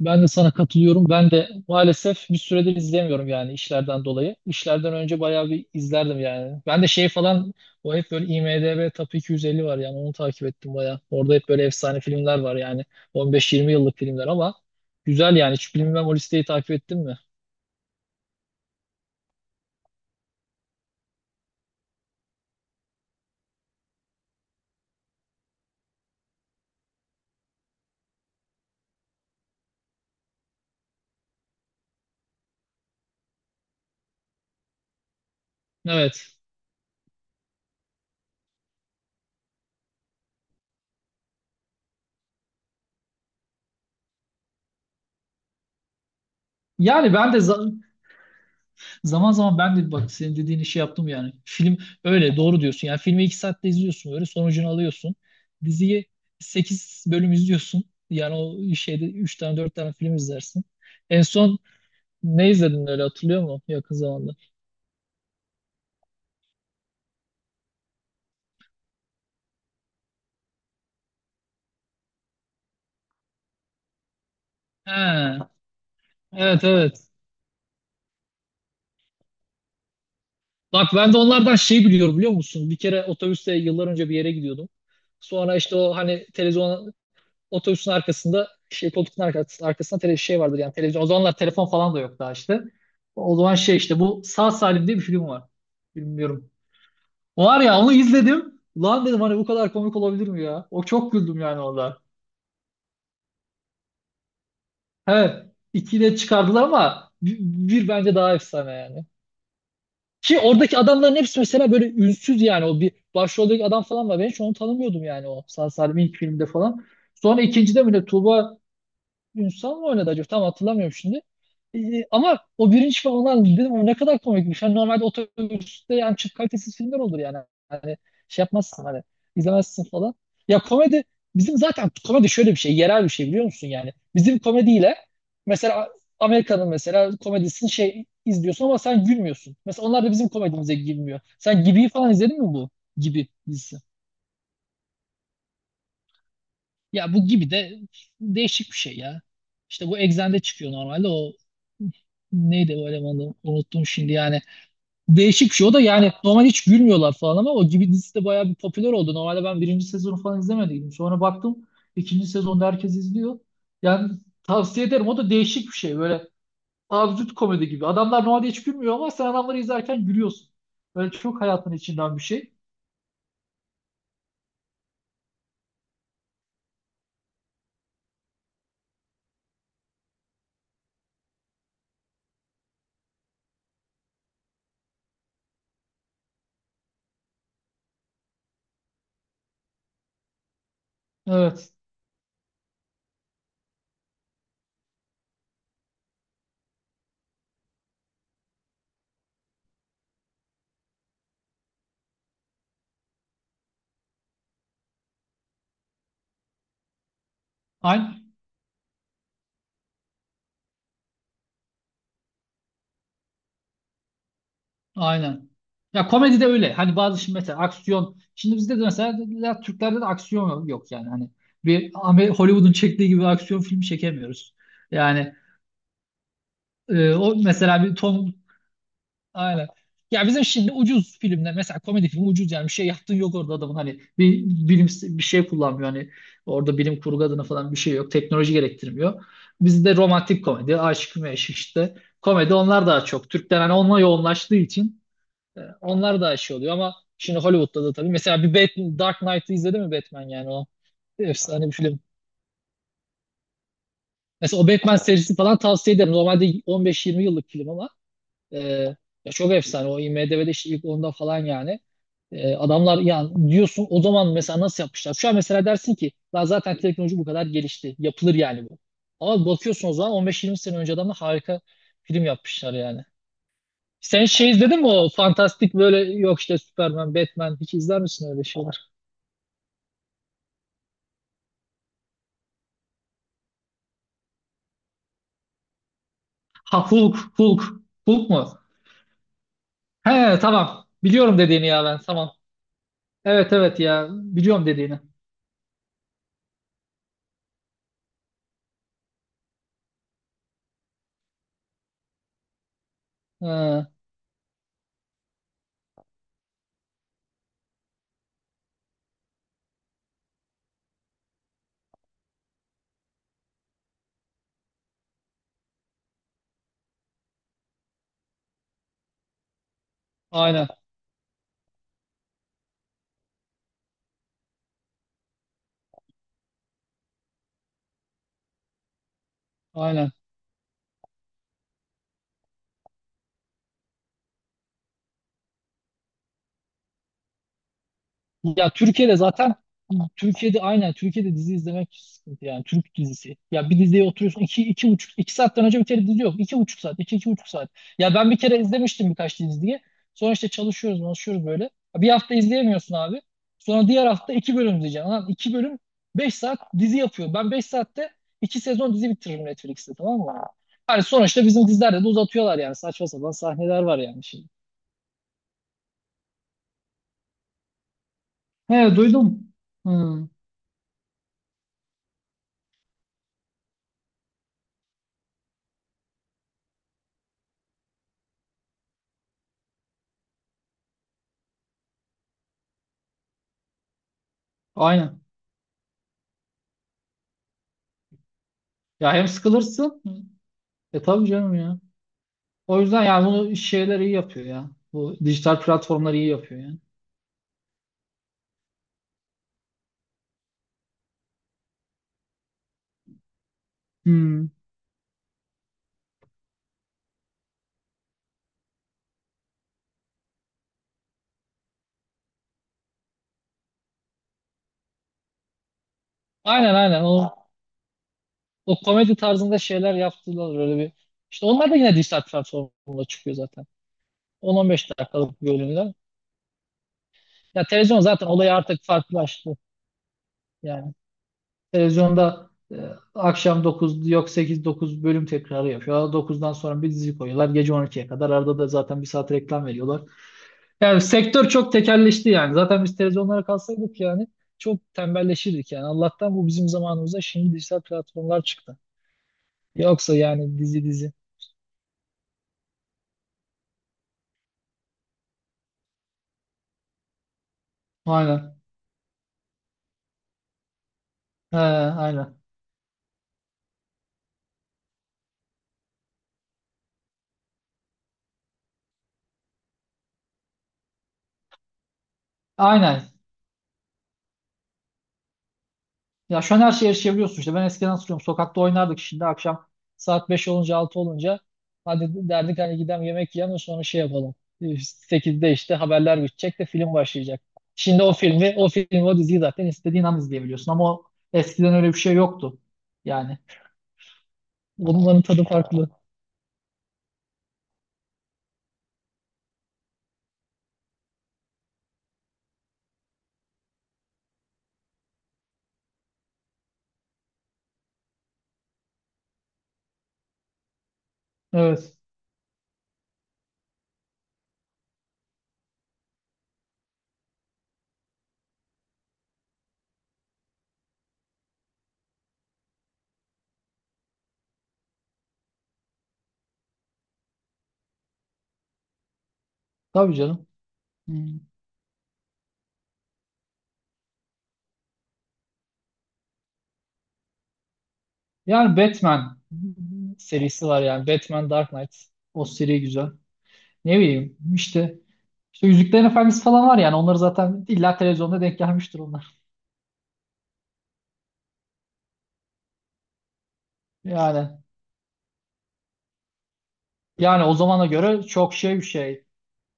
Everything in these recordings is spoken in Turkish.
Ben de sana katılıyorum. Ben de maalesef bir süredir izleyemiyorum yani işlerden dolayı. İşlerden önce bayağı bir izlerdim yani. Ben de şey falan o hep böyle IMDb Top 250 var yani onu takip ettim bayağı. Orada hep böyle efsane filmler var yani 15-20 yıllık filmler ama güzel yani. Hiç bilmem o listeyi takip ettin mi? Evet. Yani ben de za- Zaman zaman ben de bak senin dediğin işi yaptım yani. Film öyle doğru diyorsun. Yani filmi 2 saatte izliyorsun böyle sonucunu alıyorsun. Diziyi 8 bölüm izliyorsun. Yani o şeyde 3 tane 4 tane film izlersin. En son ne izledin öyle hatırlıyor musun yakın zamanda? He, evet evet. Bak ben de onlardan şey biliyorum biliyor musun? Bir kere otobüste yıllar önce bir yere gidiyordum. Sonra işte o hani televizyona otobüsün arkasında şey koltuğun arkasında, arkasında tele, şey vardır yani televizyon. O zamanlar telefon falan da yok daha işte. O zaman şey işte bu Sağ Salim diye bir film var. Bilmiyorum. Var ya onu izledim. Lan dedim hani bu kadar komik olabilir mi ya? O çok güldüm yani orada. Evet. ikiyle çıkardılar ama bir bence daha efsane yani. Ki oradaki adamların hepsi mesela böyle ünsüz yani o bir başroldeki adam falan var. Ben hiç onu tanımıyordum yani o Sağ Salim ilk filmde falan. Sonra ikincide mi ne Tuğba Ünsal mı oynadı acaba? Tam hatırlamıyorum şimdi. Ee, ama o birinci falan olan dedim o ne kadar komikmiş. Hani normalde otobüste yani çok kalitesiz filmler olur yani. Hani şey yapmazsın hani izlemezsin falan. Ya komedi bizim zaten komedi şöyle bir şey yerel bir şey biliyor musun yani. Bizim komediyle mesela Amerika'nın mesela komedisini şey izliyorsun ama sen gülmüyorsun. Mesela onlar da bizim komedimize girmiyor. Sen Gibi'yi falan izledin mi bu? Gibi dizisi. Ya bu gibi de değişik bir şey ya. İşte bu Exxen'de çıkıyor normalde o neydi o elemanı unuttum şimdi yani. Değişik bir şey o da yani normal hiç gülmüyorlar falan ama o gibi dizisi de bayağı bir popüler oldu. Normalde ben birinci sezonu falan izlemediydim. Sonra baktım ikinci sezonda herkes izliyor. Yani tavsiye ederim o da değişik bir şey böyle absürt komedi gibi. Adamlar normalde hiç gülmüyor ama sen adamları izlerken gülüyorsun. Böyle çok hayatın içinden bir şey. Evet. Aynı, aynen. Ya komedi de öyle. Hani bazı şimdi mesela aksiyon. Şimdi bizde de mesela ya Türklerde de aksiyon yok yok yani. Hani Hollywood'un çektiği gibi aksiyon filmi çekemiyoruz. Yani o mesela bir Tom aynen. Ya bizim şimdi ucuz filmler mesela komedi filmi ucuz yani bir şey yaptığın yok orada adamın hani bir bilim bir şey kullanmıyor hani orada bilim kurgu adına falan bir şey yok teknoloji gerektirmiyor. Bizde romantik komedi, aşk meşk işte komedi onlar daha çok. Türkler hani onunla yoğunlaştığı için onlar da şey oluyor ama şimdi Hollywood'da da tabii. Mesela Dark Knight'ı izledin mi Batman yani o efsane bir film. Mesela o Batman serisi falan tavsiye ederim. Normalde 15-20 yıllık film ama e, ya çok efsane. O IMDb'de işte ilk onda falan yani. Adamlar yani diyorsun o zaman mesela nasıl yapmışlar? Şu an mesela dersin ki "Lan zaten teknoloji bu kadar gelişti. Yapılır yani bu. Ama bakıyorsun o zaman 15-20 sene önce adamlar harika film yapmışlar yani. Sen şey izledin mi o fantastik böyle yok işte Superman, Batman hiç izler misin öyle şeyler? Hulk. Hulk mu? He tamam. Biliyorum dediğini ya ben tamam. Evet evet ya biliyorum dediğini. He, aynen aynen. Ya Türkiye'de zaten Türkiye'de dizi izlemek sıkıntı yani Türk dizisi. Ya bir diziye oturuyorsun iki buçuk iki saatten önce bir kere dizi yok. İki buçuk saat iki buçuk saat. Ya ben bir kere izlemiştim birkaç diziyi. Sonra işte çalışıyoruz böyle. Ya bir hafta izleyemiyorsun abi. Sonra diğer hafta iki bölüm izleyeceksin. Lan iki bölüm beş saat dizi yapıyor. Ben beş saatte iki sezon dizi bitiririm Netflix'te tamam mı? Hani sonuçta bizim dizilerde de uzatıyorlar yani saçma sapan sahneler var yani şimdi. He duydum. Hı, aynen. Ya hem sıkılırsın. E tabii canım ya. O yüzden yani bunu şeyler iyi yapıyor ya. Bu dijital platformlar iyi yapıyor yani. Hmm. Aynen. O komedi tarzında şeyler yaptılar öyle bir. İşte onlar da yine dijital platformda çıkıyor zaten. 10-15 dakikalık bölümler. Ya televizyon zaten olayı artık farklılaştı. Yani televizyonda akşam 9 yok 8-9 bölüm tekrarı yapıyor. 9'dan sonra bir dizi koyuyorlar. Gece 12'ye kadar. Arada da zaten bir saat reklam veriyorlar. Yani sektör çok tekelleşti yani. Zaten biz televizyonlara kalsaydık yani çok tembelleşirdik yani. Allah'tan bu bizim zamanımızda şimdi dijital platformlar çıktı. Yoksa yani dizi dizi. Aynen. He, aynen. Aynen. Ya şu an her şeye erişebiliyorsun işte. Ben eskiden hatırlıyorum sokakta oynardık şimdi akşam saat 5 olunca 6 olunca hadi derdik hani gidelim yemek yiyelim de sonra şey yapalım. Sekizde işte haberler bitecek de film başlayacak. Şimdi o filmi, o diziyi zaten istediğin an izleyebiliyorsun ama eskiden öyle bir şey yoktu. Yani onların tadı farklı. Evet. Tabii canım. Hmm. Yani Batman serisi var yani. Batman Dark Knight. O seri güzel. Ne bileyim işte. İşte Yüzüklerin Efendisi falan var yani. Onları zaten illa televizyonda denk gelmiştir onlar. Yani yani o zamana göre çok şey bir şey.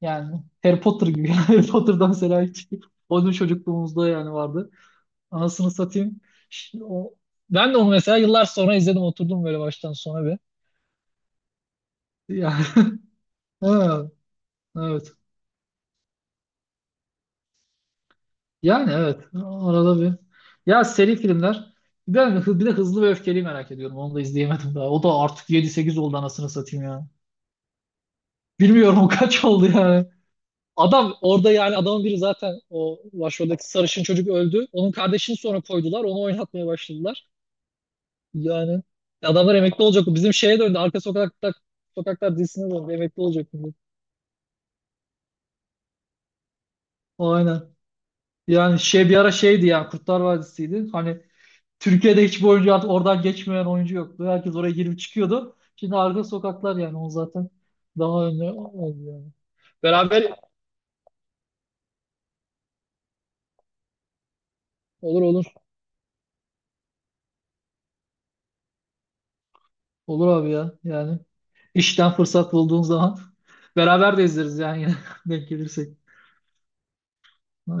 Yani Harry Potter gibi. Harry Potter'da mesela hiç. O bizim çocukluğumuzda yani vardı. Anasını satayım. Ş- O, ben de onu mesela yıllar sonra izledim. Oturdum böyle baştan sona bir. Yani, ha, evet. Yani evet. Arada bir. Ya seri filmler. Bir de Hızlı ve Öfkeli'yi merak ediyorum. Onu da izleyemedim daha. O da artık yedi sekiz oldu anasını satayım ya. Bilmiyorum o kaç oldu yani. Adam orada yani adamın biri zaten o başroldeki sarışın çocuk öldü. Onun kardeşini sonra koydular. Onu oynatmaya başladılar. Yani adamlar emekli olacak. Bu bizim şeye döndü. Sokaklar dizisine döndü. Emekli olacak şimdi. Aynen. Yani şey bir ara şeydi ya Kurtlar Vadisi'ydi. Hani Türkiye'de hiçbir oyuncu artık oradan geçmeyen oyuncu yoktu. Herkes oraya girip çıkıyordu. Şimdi arka sokaklar yani o zaten daha önlü oldu yani. Beraber olur olur. Olur abi ya yani. İşten fırsat bulduğun zaman beraber de izleriz yani yine denk gelirsek.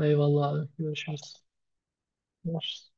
Eyvallah abi. Görüşürüz. Görüşürüz.